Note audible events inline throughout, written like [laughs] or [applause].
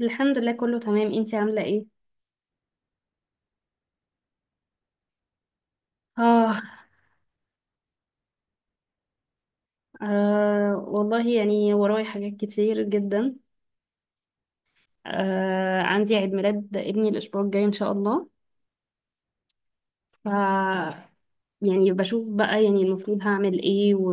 الحمد لله، كله تمام. انتي عاملة ايه؟ آه, آه والله، يعني وراي حاجات كتير جدا. عندي عيد ميلاد ابني الأسبوع الجاي إن شاء الله. ف يعني بشوف بقى، يعني المفروض هعمل ايه و...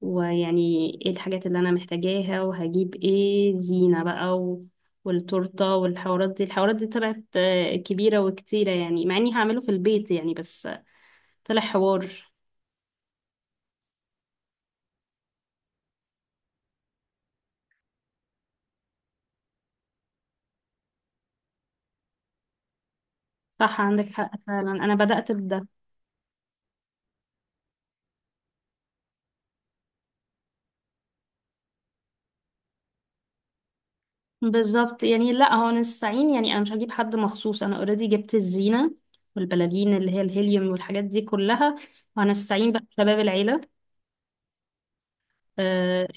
ويعني ايه الحاجات اللي أنا محتاجاها، وهجيب ايه زينة بقى و... والتورتة والحوارات دي. الحوارات دي طلعت كبيرة وكتيرة، يعني مع إني هعمله في البيت يعني، بس طلع حوار. صح، عندك حق فعلا، أنا بدأت بده. بالظبط، يعني لا هو نستعين، يعني انا مش هجيب حد مخصوص، انا اوريدي جبت الزينه والبلالين اللي هي الهيليوم والحاجات دي كلها، وهنستعين بقى بشباب العيله. آه،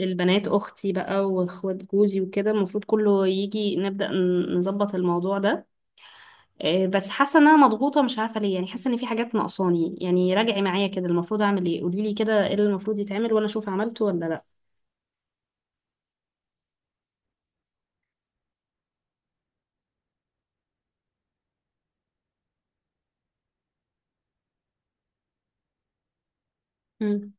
البنات اختي بقى واخوات جوزي وكده، المفروض كله يجي نبدا نظبط الموضوع ده. بس حاسه ان انا مضغوطه، مش عارفه ليه، يعني حاسه ان في حاجات ناقصاني. يعني راجعي معايا كده، المفروض اعمل ايه؟ قولي لي كده ايه اللي المفروض يتعمل وانا اشوف عملته ولا لا. امم.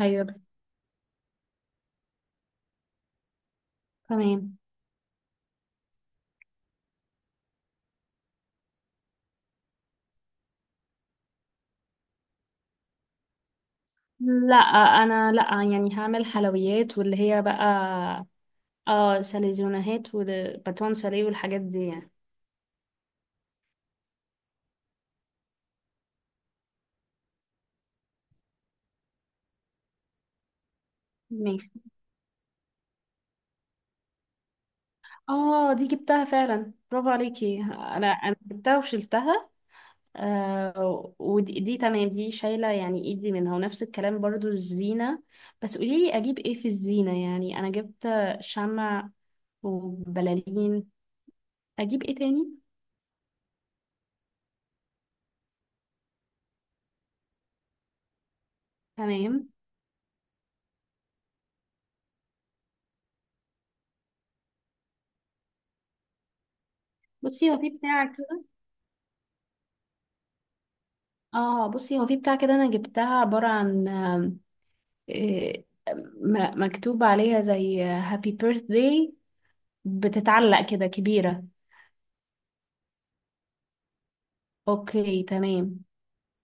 ايوه بس. تمام. لا، انا لا. يعني هعمل حلويات، واللي هي بقى اه ساليزونهات وباتون ساليه والحاجات دي يعني. ماشي. اه دي جبتها فعلا، برافو عليكي، انا جبتها وشلتها. آه، ودي دي تمام، دي شايله يعني ايدي منها. ونفس الكلام برضو الزينه، بس قولي لي اجيب ايه في الزينه. يعني انا جبت شمع وبلالين، اجيب ايه تاني؟ تمام. بصي هو في بتاع كده. اه بصي، هو في بتاع كده انا جبتها، عبارة عن إيه، مكتوب عليها زي هابي بيرثداي، بتتعلق كده كبيرة. اوكي تمام.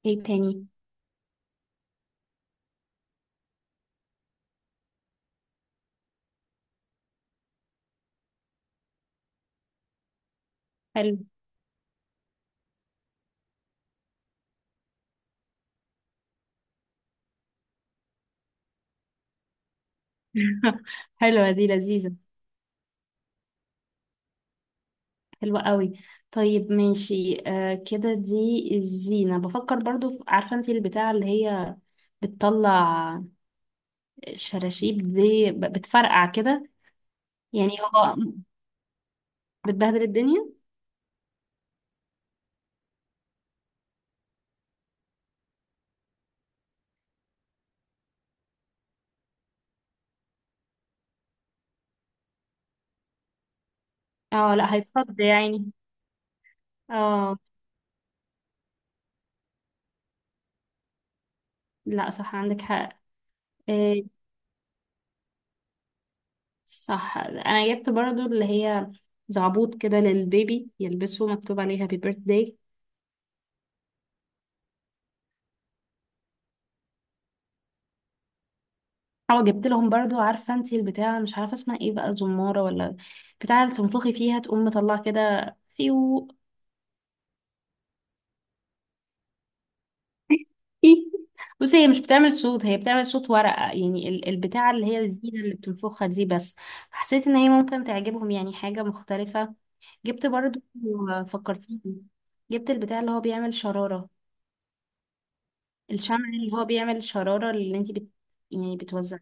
ايه تاني؟ حلو. [laughs] حلوة دي، لذيذة. حلوة قوي. طيب ماشي، آه كده دي الزينة. بفكر برضو عارفة انتي البتاعة اللي هي بتطلع شراشيب دي، بتفرقع كده. يعني هو بتبهدل الدنيا. اه لا هيتصد يعني. اه. لا صح، عندك حق. آه، صح انا جبت برضو اللي هي زعبوط كده للبيبي يلبسه مكتوب عليها هابي بيرث داي. اه جبت لهم برضو، عارفه انتي البتاع مش عارفه اسمها ايه بقى، زماره ولا بتاع، اللي تنفخي فيها تقوم مطلع كده فيو. [laughs] بصي هي مش بتعمل صوت، هي بتعمل صوت ورقه يعني، البتاعه اللي هي الزينه اللي بتنفخها دي بس. حسيت ان هي ممكن تعجبهم، يعني حاجه مختلفه. جبت برضو، فكرتيني، جبت البتاع اللي هو بيعمل شراره، الشمع اللي هو بيعمل الشرارة اللي انتي بت... يعني بتوزع.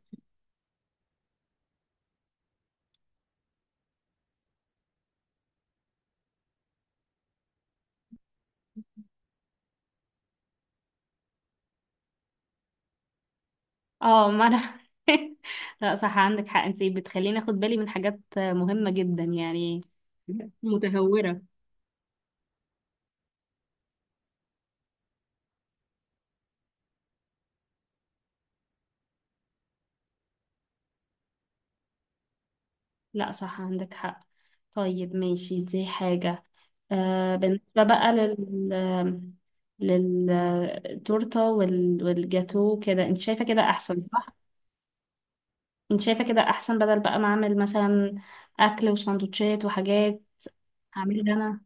اه ما انا. [laughs] لا صح عندك حق، انتي بتخليني اخد بالي من حاجات مهمة جدا يعني. متهورة. لا صح عندك حق. طيب ماشي، دي حاجة. آه، بالنسبة بقى للتورتة وال... والجاتو، كده انت شايفة كده احسن صح؟ انت شايفة كده احسن، بدل بقى ما اعمل مثلا اكل وسندوتشات وحاجات. هعملها انا.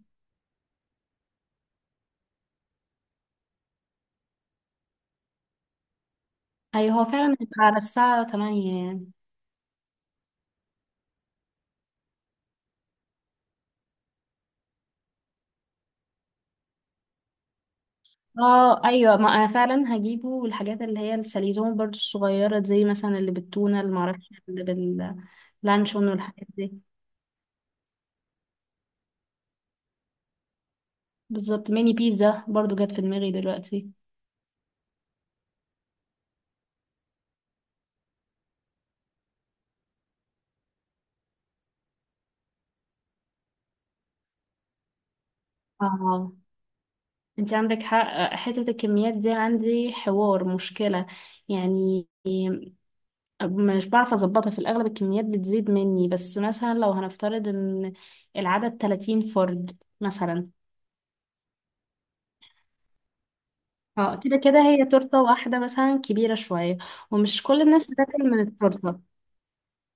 ايوه، هو فعلا هيبقى على الساعة 8 يعني. اه ايوه، ما انا فعلا هجيبه. والحاجات اللي هي السليزون برضو الصغيرة، زي مثلا اللي بالتونة اللي معرفش، اللي باللانشون والحاجات دي. بالظبط، ميني بيتزا برضو جت في دماغي دلوقتي. اه. انت عندك حق، حتة الكميات دي عندي حوار مشكلة يعني. مش بعرف اظبطها، في الاغلب الكميات بتزيد مني. بس مثلا لو هنفترض ان العدد 30 فرد مثلا، اه كده كده هي تورتة واحدة مثلا كبيرة شوية، ومش كل الناس بتاكل من التورتة.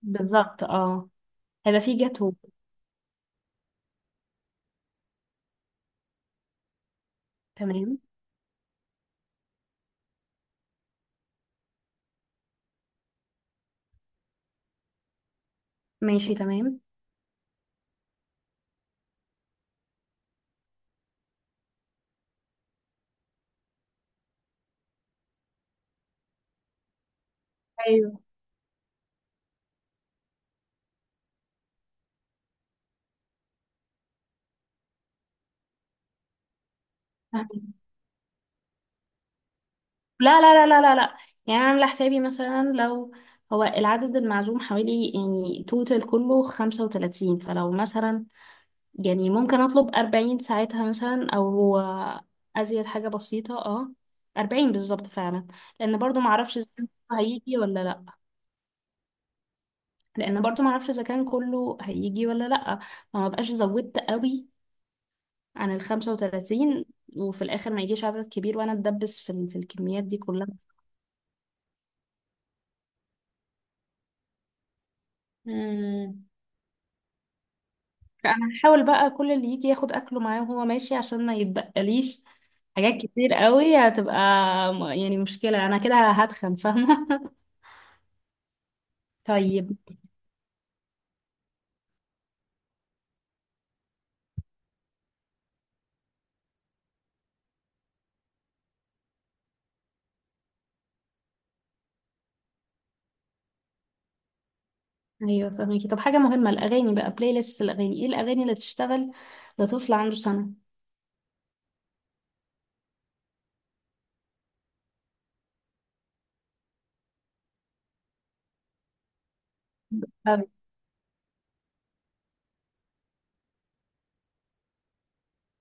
بالظبط، اه. هيبقى في جاتو. تمام. ماشي تمام. ايوه. فاهمة. لا لا لا لا لا لا، يعني انا عاملة حسابي مثلا، لو هو العدد المعزوم حوالي، يعني توتال كله خمسة وتلاتين، فلو مثلا يعني ممكن اطلب اربعين ساعتها مثلا، او ازيد حاجة بسيطة اه، اربعين بالظبط فعلا. لان برضو معرفش الزيت هيجي ولا لا. لان برضو ما اعرفش اذا كان كله هيجي ولا لا، فما بقاش زودت قوي عن ال 35، وفي الاخر ما يجيش عدد كبير وانا اتدبس في الكميات دي كلها. مم. فانا هحاول بقى كل اللي يجي ياخد اكله معاه وهو ماشي، عشان ما يتبقليش حاجات كتير قوي. هتبقى يعني مشكلة، انا كده هتخن، فاهمة. [laughs] طيب. ايوه فاهمكي. طب حاجة مهمة، الاغاني بقى، بلاي ليست الاغاني، ايه الاغاني اللي تشتغل لطفل عنده سنة؟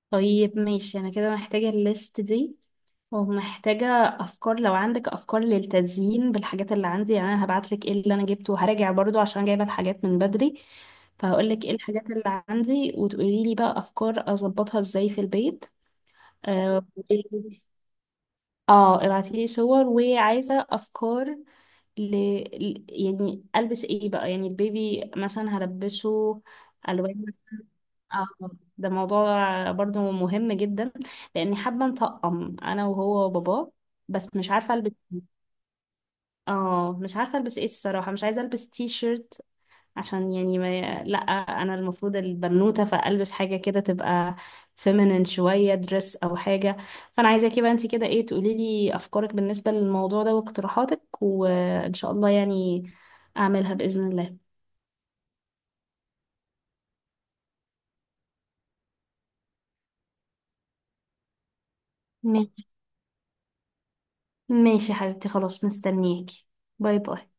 طيب ماشي، انا كده محتاجة الليست دي، ومحتاجة افكار لو عندك افكار للتزيين بالحاجات اللي عندي. يعني انا هبعتلك ايه اللي انا جبته، وهراجع برضو عشان جايبة الحاجات من بدري. فهقولك ايه الحاجات اللي عندي وتقوليلي بقى افكار اظبطها ازاي في البيت. اه. [laughs] اه ابعتيلي صور. وعايزة افكار ل... يعني البس ايه بقى، يعني البيبي مثلا هلبسه الوان مثلا. اه ده موضوع برضو مهم جدا، لاني حابه نطقم انا وهو وباباه، بس مش عارفه البس. اه مش عارفه البس ايه الصراحه، مش عايزه البس تي شيرت، عشان يعني ما لا، انا المفروض البنوته، فالبس حاجه كده تبقى فيمينين شويه، دريس او حاجه. فانا عايزاكي بقى انت كده ايه، تقولي لي افكارك بالنسبه للموضوع ده واقتراحاتك، وان شاء الله يعني اعملها باذن الله. ماشي. ماشي يا حبيبتي، خلاص مستنياكي. باي باي.